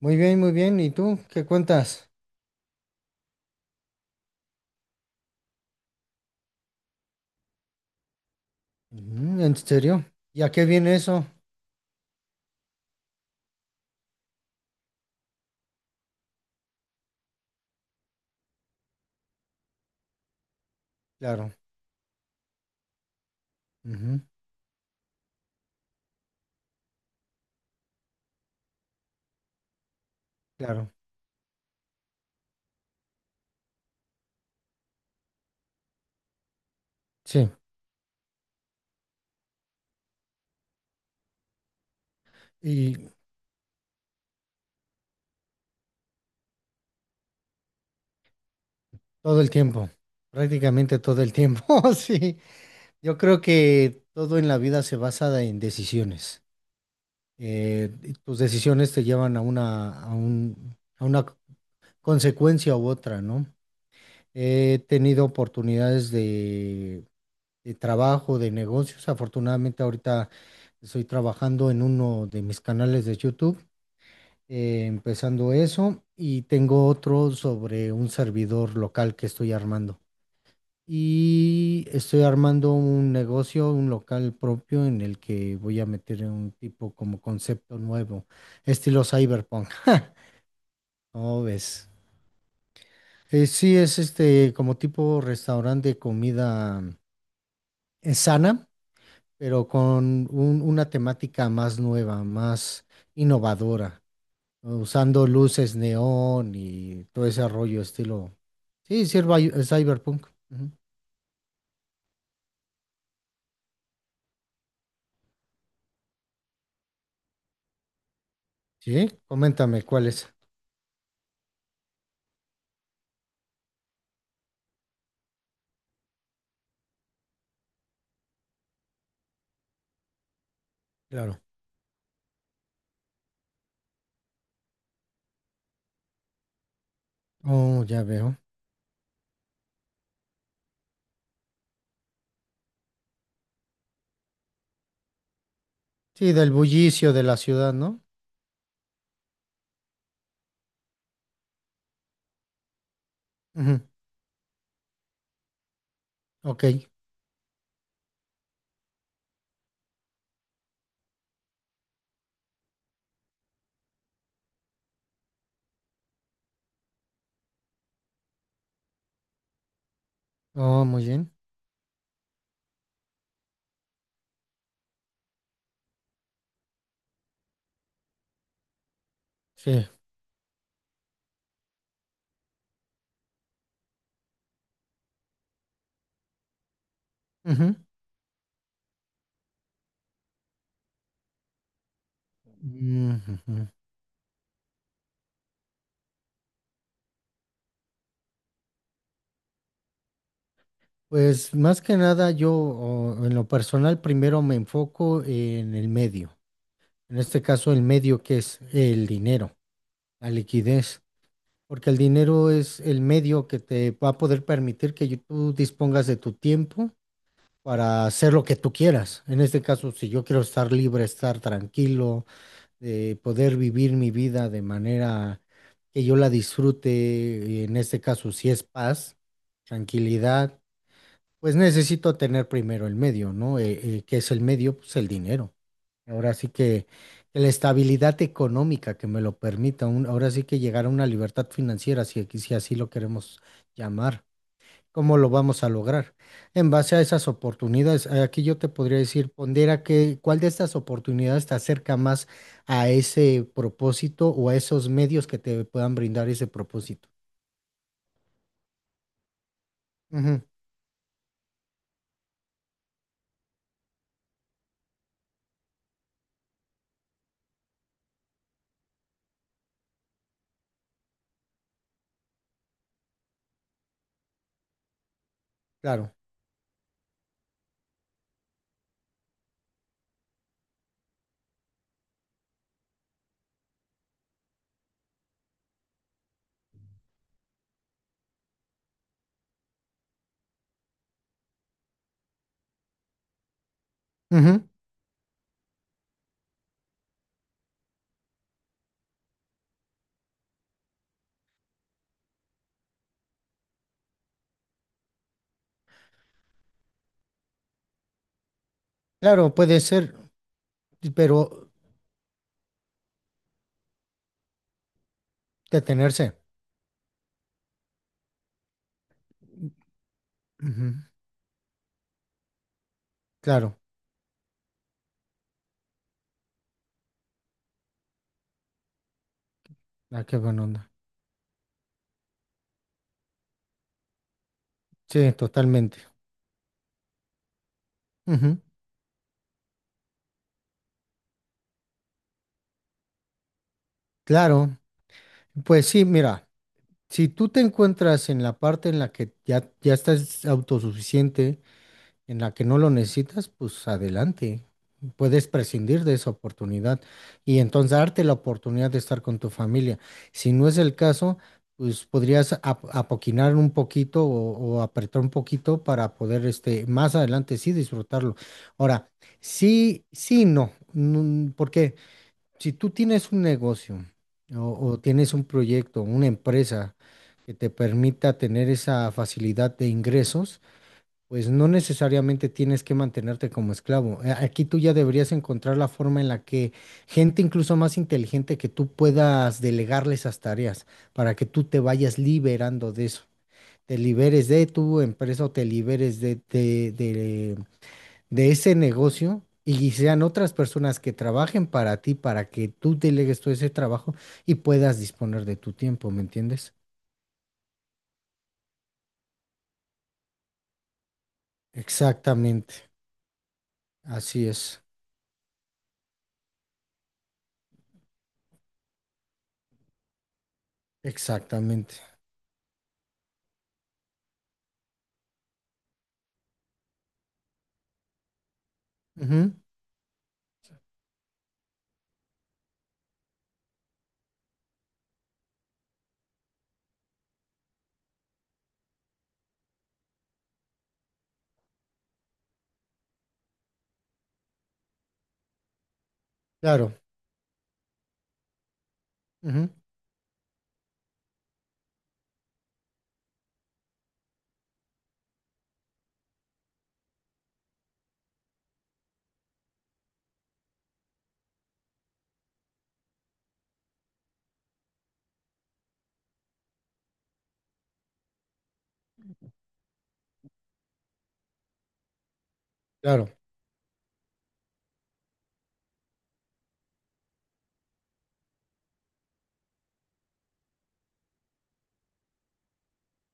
Muy bien, muy bien. ¿Y tú qué cuentas? Ujú, ¿en serio? ¿Y a qué viene eso? Claro, ujú, claro, sí. Y todo el tiempo, prácticamente todo el tiempo, sí. Yo creo que todo en la vida se basa en decisiones. Y tus decisiones te llevan a una, a un, a una consecuencia u otra, ¿no? He tenido oportunidades de trabajo, de negocios. Afortunadamente ahorita estoy trabajando en uno de mis canales de YouTube, empezando eso, y tengo otro sobre un servidor local que estoy armando. Y estoy armando un negocio, un local propio en el que voy a meter un tipo como concepto nuevo, estilo cyberpunk. ¿Cómo ves? Sí, es este como tipo restaurante de comida sana pero con un- una temática más nueva, más innovadora, ¿no? Usando luces neón y todo ese rollo estilo. Sí, sí, cyberpunk. Ujú. Sí, coméntame cuál es. Claro. Oh, ya veo. Sí, del bullicio de la ciudad, ¿no? Ujú. Ok. Oh, muy bien. Sí. Ujú. Mm, ujú. Pues más que nada yo o, en lo personal primero me enfoco en el medio. En este caso el medio que es el dinero. La liquidez, porque el dinero es el medio que te va a poder permitir que yo- tú dispongas de tu tiempo para hacer lo que tú quieras. En este caso, si yo quiero estar libre, estar tranquilo, de poder vivir mi vida de manera que yo la disfrute, y en este caso, si es paz, tranquilidad, pues necesito tener primero el medio, ¿no? ¿Qué es el medio? Pues el dinero. Ahora sí que la estabilidad económica que me lo permita, un- ahora sí que llegar a una libertad financiera, si, aquí- si así lo queremos llamar. ¿Cómo lo vamos a lograr? En base a esas oportunidades, aquí yo te podría decir, pondera que, cuál de estas oportunidades te acerca más a ese propósito o a esos medios que te puedan brindar ese propósito. Ujú, claro. Ujú, claro, puede ser, pero Detenerse. Ujú, claro. Ah, qué buena onda. Sí, totalmente. Ujú, claro. Pues sí, mira, si tú te encuentras en la parte en la que ya, ya estás autosuficiente, en la que no lo necesitas, pues adelante. Puedes prescindir de esa oportunidad y entonces darte la oportunidad de estar con tu familia. Si no es el caso, pues podrías ap- apoquinar un poquito o apretar un poquito para poder este, más adelante sí disfrutarlo. Ahora, sí, sí, no. Mm, porque si tú tienes un negocio o tienes un proyecto, una empresa que te permita tener esa facilidad de ingresos, pues no necesariamente tienes que mantenerte como esclavo. A- Aquí tú ya deberías encontrar la forma en la que gente incluso más inteligente que tú puedas delegarle esas tareas para que tú te vayas liberando de eso. Te liberes de tu empresa o te liberes de ese negocio y sean otras personas que trabajen para ti para que tú delegues todo ese trabajo y puedas disponer de tu tiempo, ¿me entiendes? Exactamente. Así es. Exactamente. Ujú, claro. Ujú, claro.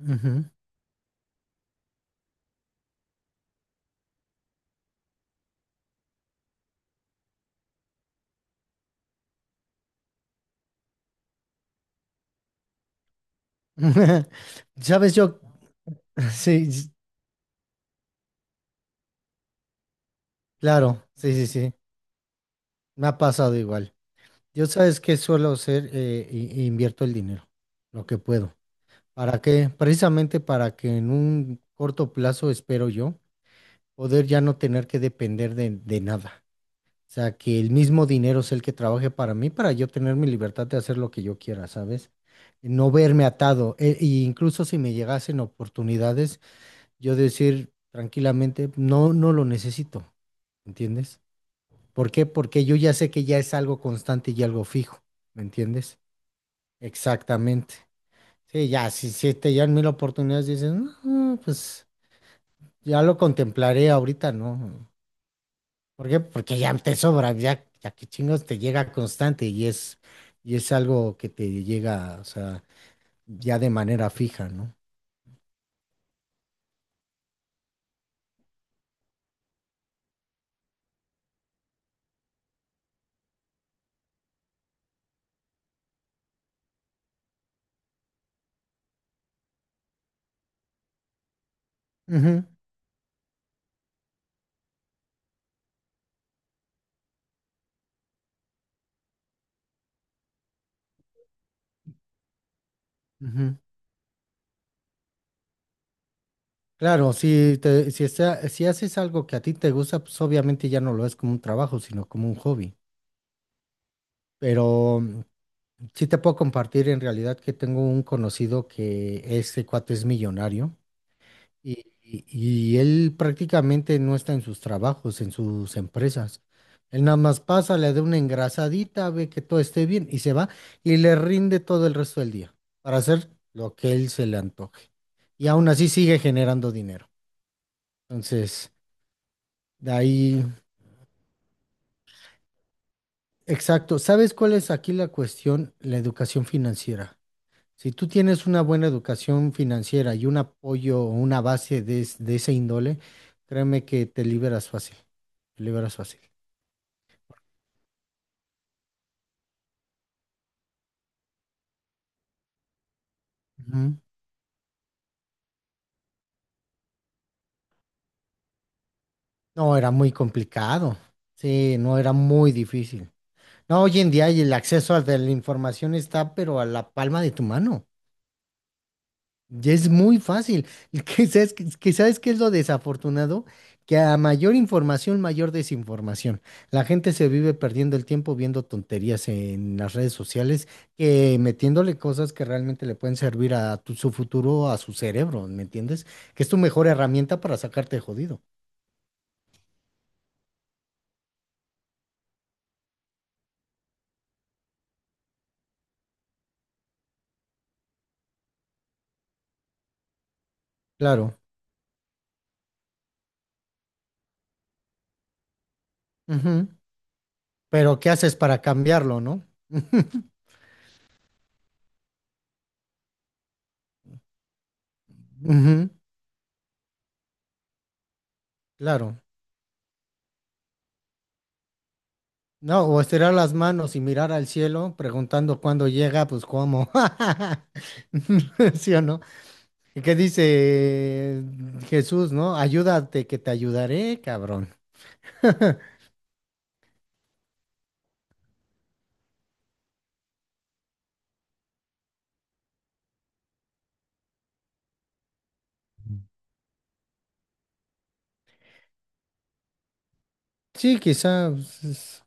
Ujú. ¿Sabes yo? Sí, s- claro, sí, sí, sí. Me ha pasado igual. Yo sabes que suelo hacer, i- invierto el dinero, lo que puedo. ¿Para qué? Precisamente para que en un corto plazo, espero yo, poder ya no tener que depender de nada. O sea, que el mismo dinero es el que trabaje para mí, para yo tener mi libertad de hacer lo que yo quiera, ¿sabes? No verme atado. E, e incluso si me llegasen oportunidades. Yo decir tranquilamente, no, no lo necesito, ¿entiendes? ¿Por qué? Porque yo ya sé que ya es algo constante y algo fijo, ¿me entiendes? Exactamente. Sí, ya, si, si te llegan mil oportunidades, dices, "No, pues ya lo contemplaré ahorita, ¿no? ¿Por qué? Porque ya te sobra, ya, ya que chingos te llega constante y es algo que te llega, o sea, ya de manera fija, ¿no? Ujú, ujú. Claro, si, te- si, está- si haces algo que a ti te gusta, pues obviamente ya no lo es como un trabajo, sino como un hobby. Pero sí te puedo compartir en realidad que tengo un conocido que este cuate es millonario y, y- y él prácticamente no está en sus trabajos, en sus empresas. Él nada más pasa, le da una engrasadita, ve que todo esté bien y se va y le rinde todo el resto del día para hacer lo que él se le antoje. Y aún así sigue generando dinero. Entonces... De ahí, exacto. ¿Sabes cuál es aquí la cuestión? La educación financiera. Si tú tienes una buena educación financiera y un apoyo o una base de, es- de ese índole, créeme que te liberas fácil. Te liberas fácil. Ujú. No, era muy complicado. Sí, no, era muy difícil. No, hoy en día y el acceso a la información está, pero a la palma de tu mano. Ya es muy fácil. ¿Que sabes, que sabes qué es lo desafortunado? Que a mayor información, mayor desinformación. La gente se vive perdiendo el tiempo viendo tonterías en las redes sociales que metiéndole cosas que realmente le pueden servir a tu- su futuro, a su cerebro, ¿me entiendes? Que es tu mejor herramienta para sacarte de jodido. Claro. Ujú. Pero ¿qué haces para cambiarlo, no? Ujú. Claro. No, o estirar las manos y mirar al cielo, preguntando cuándo llega, pues cómo. ¿Sí o no? ¿Y qué dice Jesús, no? Ayúdate, que te ayudaré, cabrón. Sí, quizás,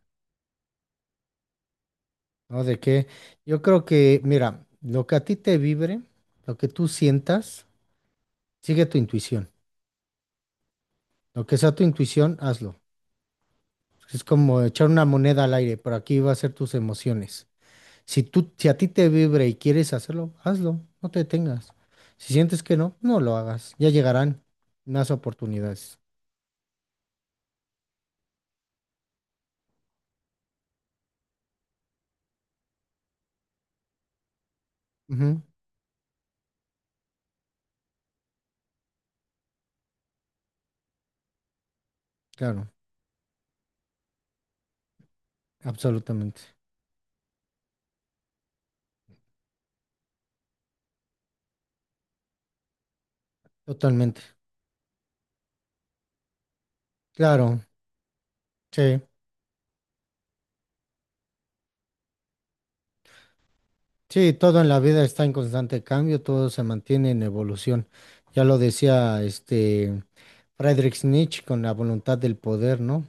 ¿no? ¿De qué? Yo creo que, mira, lo que a ti te vibre, lo que tú sientas, sigue tu intuición. Lo que sea tu intuición, hazlo. Es como echar una moneda al aire, por aquí va a ser tus emociones. Si tú, si a ti te vibra y quieres hacerlo, hazlo, no te detengas. Si sientes que no, no lo hagas. Ya llegarán más oportunidades. Ujú, claro, absolutamente, totalmente. Claro, sí, sí, todo en la vida está en constante cambio, todo se mantiene en evolución. Ya lo decía este Friedrich Nietzsche con la voluntad del poder, ¿no?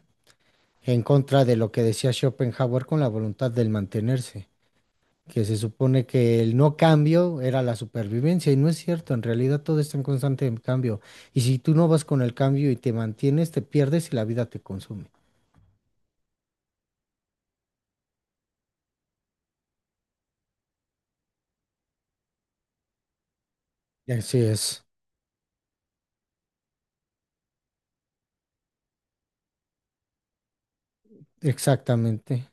En contra de lo que decía Schopenhauer con la voluntad del mantenerse. Que se supone que el no cambio era la supervivencia y no es cierto, en realidad todo está en constante cambio y si tú no vas con el cambio y te mantienes, te pierdes y la vida te consume. Así es, exactamente.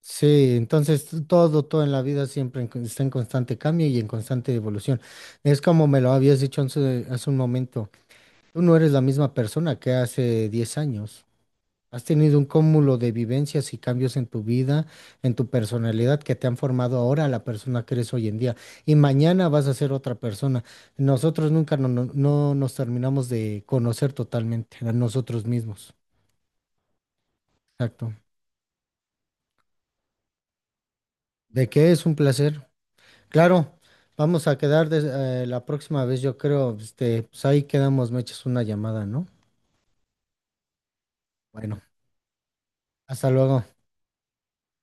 Sí, entonces t- todo, todo en la vida siempre en con- está en constante cambio y en constante evolución. Es como me lo habías dicho hace, hace un momento, tú no eres la misma persona que hace 10 años. Has tenido un cúmulo de vivencias y cambios en tu vida, en tu personalidad, que te han formado ahora a la persona que eres hoy en día. Y mañana vas a ser otra persona. Nosotros nunca no, no- no nos terminamos de conocer totalmente a nosotros mismos. Exacto. ¿De qué es un placer? Claro, vamos a quedar des- la próxima vez, yo creo, este, pues ahí quedamos, me echas una llamada, ¿no? Bueno, hasta luego.